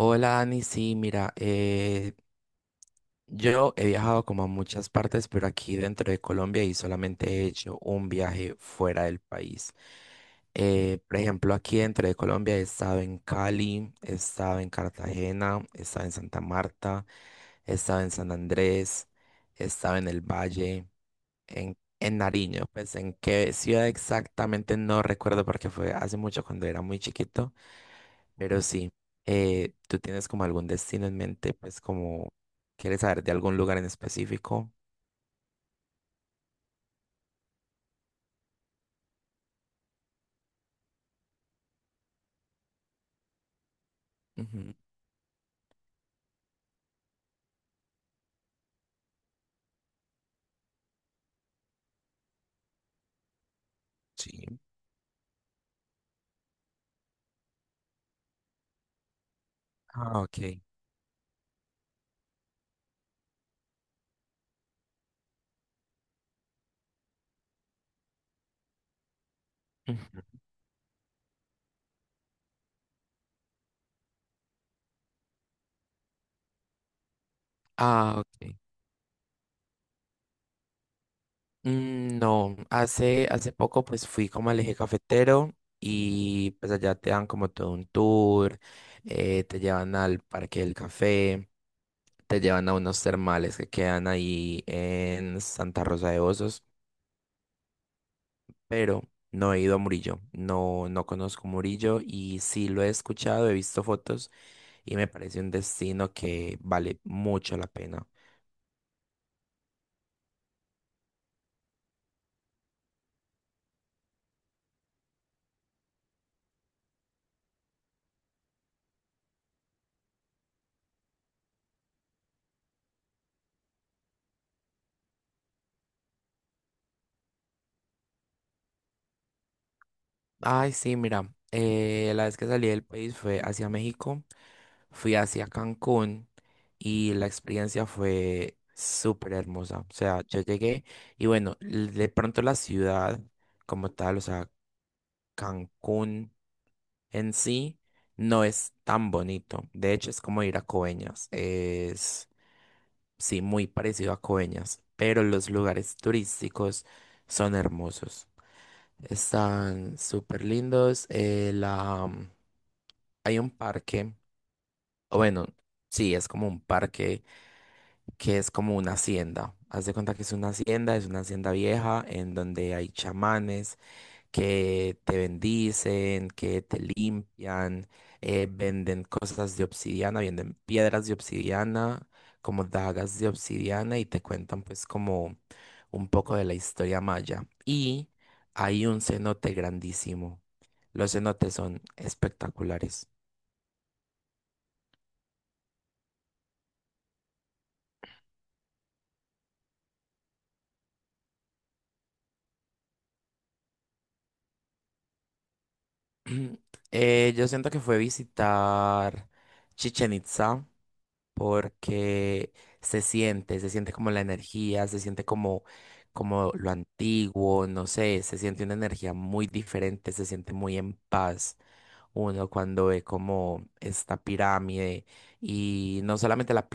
Hola, Ani, sí, mira, yo he viajado como a muchas partes, pero aquí dentro de Colombia y solamente he hecho un viaje fuera del país. Por ejemplo, aquí dentro de Colombia he estado en Cali, he estado en Cartagena, he estado en Santa Marta, he estado en San Andrés, he estado en el Valle, en Nariño, pues en qué ciudad exactamente no recuerdo porque fue hace mucho cuando era muy chiquito, pero sí, ¿tú tienes como algún destino en mente? Pues como, ¿quieres saber de algún lugar en específico? Ujú. Sí. Ah, ok. Ujú. Ah, ok. Mm, no, hace poco pues fui como al Eje Cafetero y pues allá te dan como todo un tour, te llevan al Parque del Café, te llevan a unos termales que quedan ahí en Santa Rosa de Osos, pero no he ido a Murillo, no, no conozco Murillo y sí lo he escuchado, he visto fotos y me parece un destino que vale mucho la pena. Ay, sí, mira, la vez que salí del país fue hacia México, fui hacia Cancún y la experiencia fue súper hermosa. O sea, yo llegué y bueno, de pronto la ciudad como tal, o sea, Cancún en sí no es tan bonito. De hecho, es como ir a Coveñas. Es, sí, muy parecido a Coveñas, pero los lugares turísticos son hermosos. Están súper lindos. Hay un parque, o bueno, sí, es como un parque que es como una hacienda. Haz de cuenta que es una hacienda vieja en donde hay chamanes que te bendicen, que te limpian, venden cosas de obsidiana, venden piedras de obsidiana, como dagas de obsidiana y te cuentan pues como un poco de la historia maya. Y hay un cenote grandísimo. Los cenotes son espectaculares. Yo siento que fue visitar Chichen Itza porque se siente como la energía, se siente como, como lo antiguo, no sé, se siente una energía muy diferente, se siente muy en paz uno cuando ve como esta pirámide y no solamente la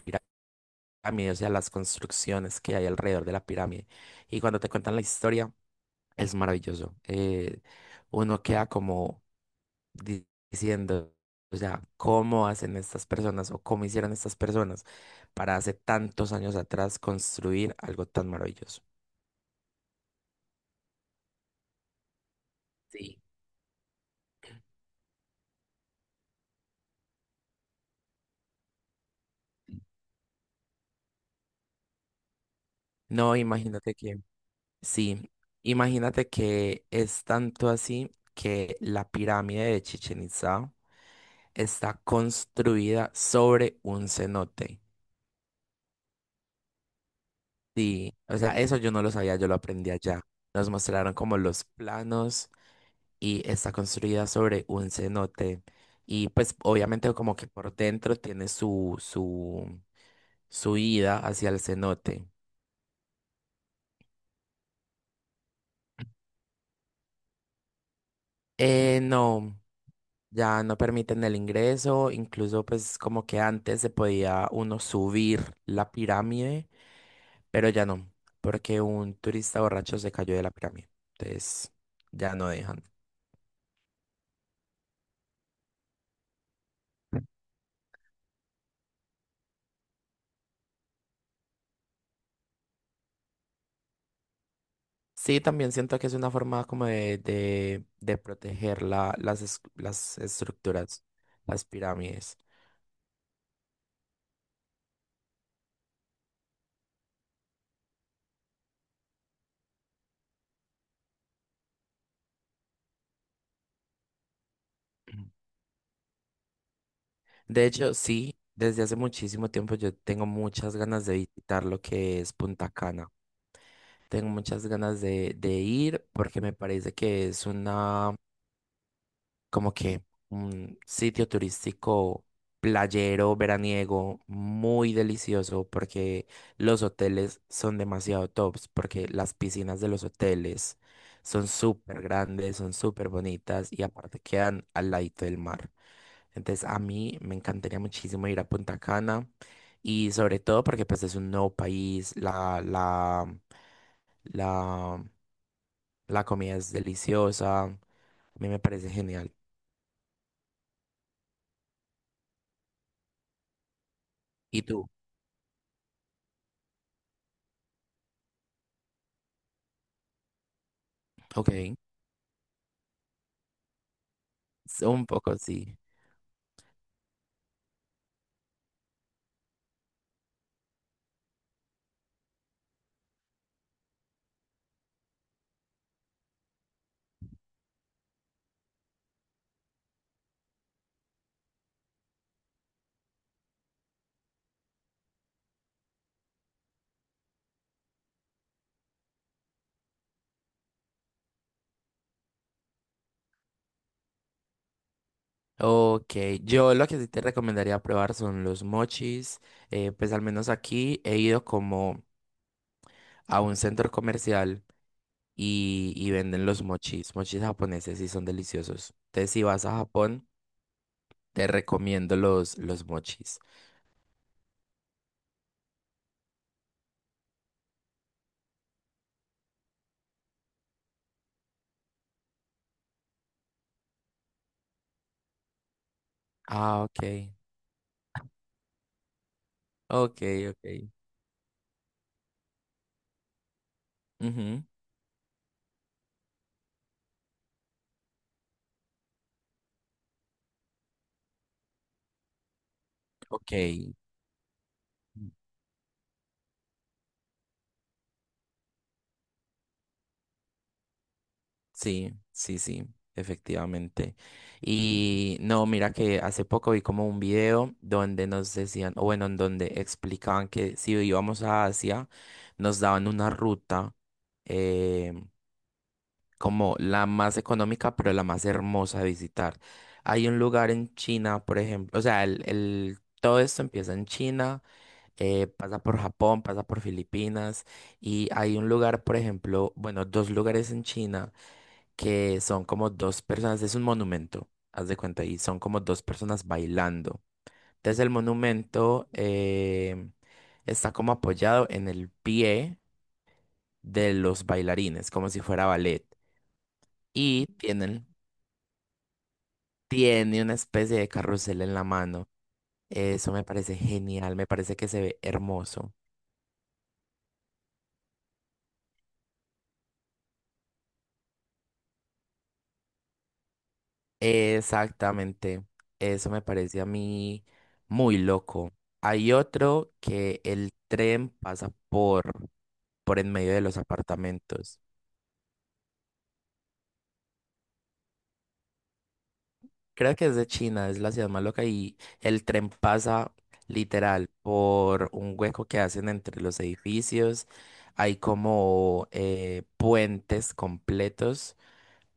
pirámide, o sea, las construcciones que hay alrededor de la pirámide. Y cuando te cuentan la historia, es maravilloso. Uno queda como diciendo, o sea, cómo hacen estas personas o cómo hicieron estas personas para hace tantos años atrás construir algo tan maravilloso. Sí. No, sí, imagínate que es tanto así que la pirámide de Chichen Itza está construida sobre un cenote. Sí, o sea, eso yo no lo sabía, yo lo aprendí allá. Nos mostraron como los planos y está construida sobre un cenote. Y pues obviamente como que por dentro tiene su ida hacia el cenote. No, ya no permiten el ingreso, incluso pues como que antes se podía uno subir la pirámide, pero ya no, porque un turista borracho se cayó de la pirámide. Entonces ya no dejan. Sí, también siento que es una forma como de proteger las estructuras, las pirámides. Ujú. De hecho, sí, desde hace muchísimo tiempo yo tengo muchas ganas de visitar lo que es Punta Cana. Tengo muchas ganas de ir porque me parece que es una, como que un sitio turístico playero, veraniego, muy delicioso porque los hoteles son demasiado tops, porque las piscinas de los hoteles son súper grandes, son súper bonitas y aparte quedan al ladito del mar. Entonces a mí me encantaría muchísimo ir a Punta Cana y sobre todo porque pues es un nuevo país, la, la comida es deliciosa, a mí me parece genial. ¿Y tú? Ok. Un poco, sí. Ok, yo lo que sí te recomendaría probar son los mochis. Pues al menos aquí he ido como a un centro comercial y venden los mochis. Mochis japoneses y son deliciosos. Entonces, si vas a Japón, te recomiendo los mochis. Ah, ok. Ok, ok. Ujú. Ok. Sí, sí, sí, efectivamente. Y no, mira que hace poco vi como un video donde nos decían, o bueno, en donde explicaban que si íbamos a Asia, nos daban una ruta eh, como la más económica, pero la más hermosa de visitar. Hay un lugar en China, por ejemplo, o sea, todo esto empieza en China, pasa por Japón, pasa por Filipinas, y hay un lugar, por ejemplo, bueno, dos lugares en China que son como dos personas, es un monumento, haz de cuenta, y son como dos personas bailando. Entonces el monumento, está como apoyado en el pie de los bailarines, como si fuera ballet, y tiene una especie de carrusel en la mano. Eso me parece genial, me parece que se ve hermoso. Exactamente, eso me parece a mí muy loco. Hay otro que el tren pasa por en medio de los apartamentos. Creo que es de China, es la ciudad más loca y el tren pasa literal por un hueco que hacen entre los edificios. Hay como puentes completos,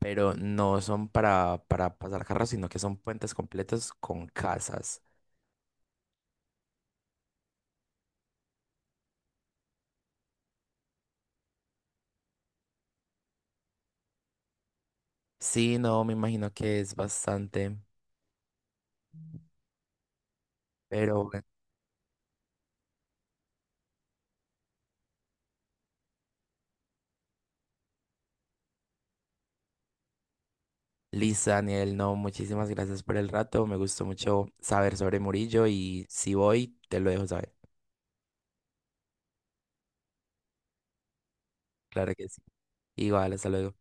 pero no son para, pasar carros, sino que son puentes completos con casas. Sí, no, me imagino que es bastante, pero bueno. Liz, Daniel, no, muchísimas gracias por el rato. Me gustó mucho saber sobre Murillo y si voy, te lo dejo saber. Claro que sí. Igual, hasta luego.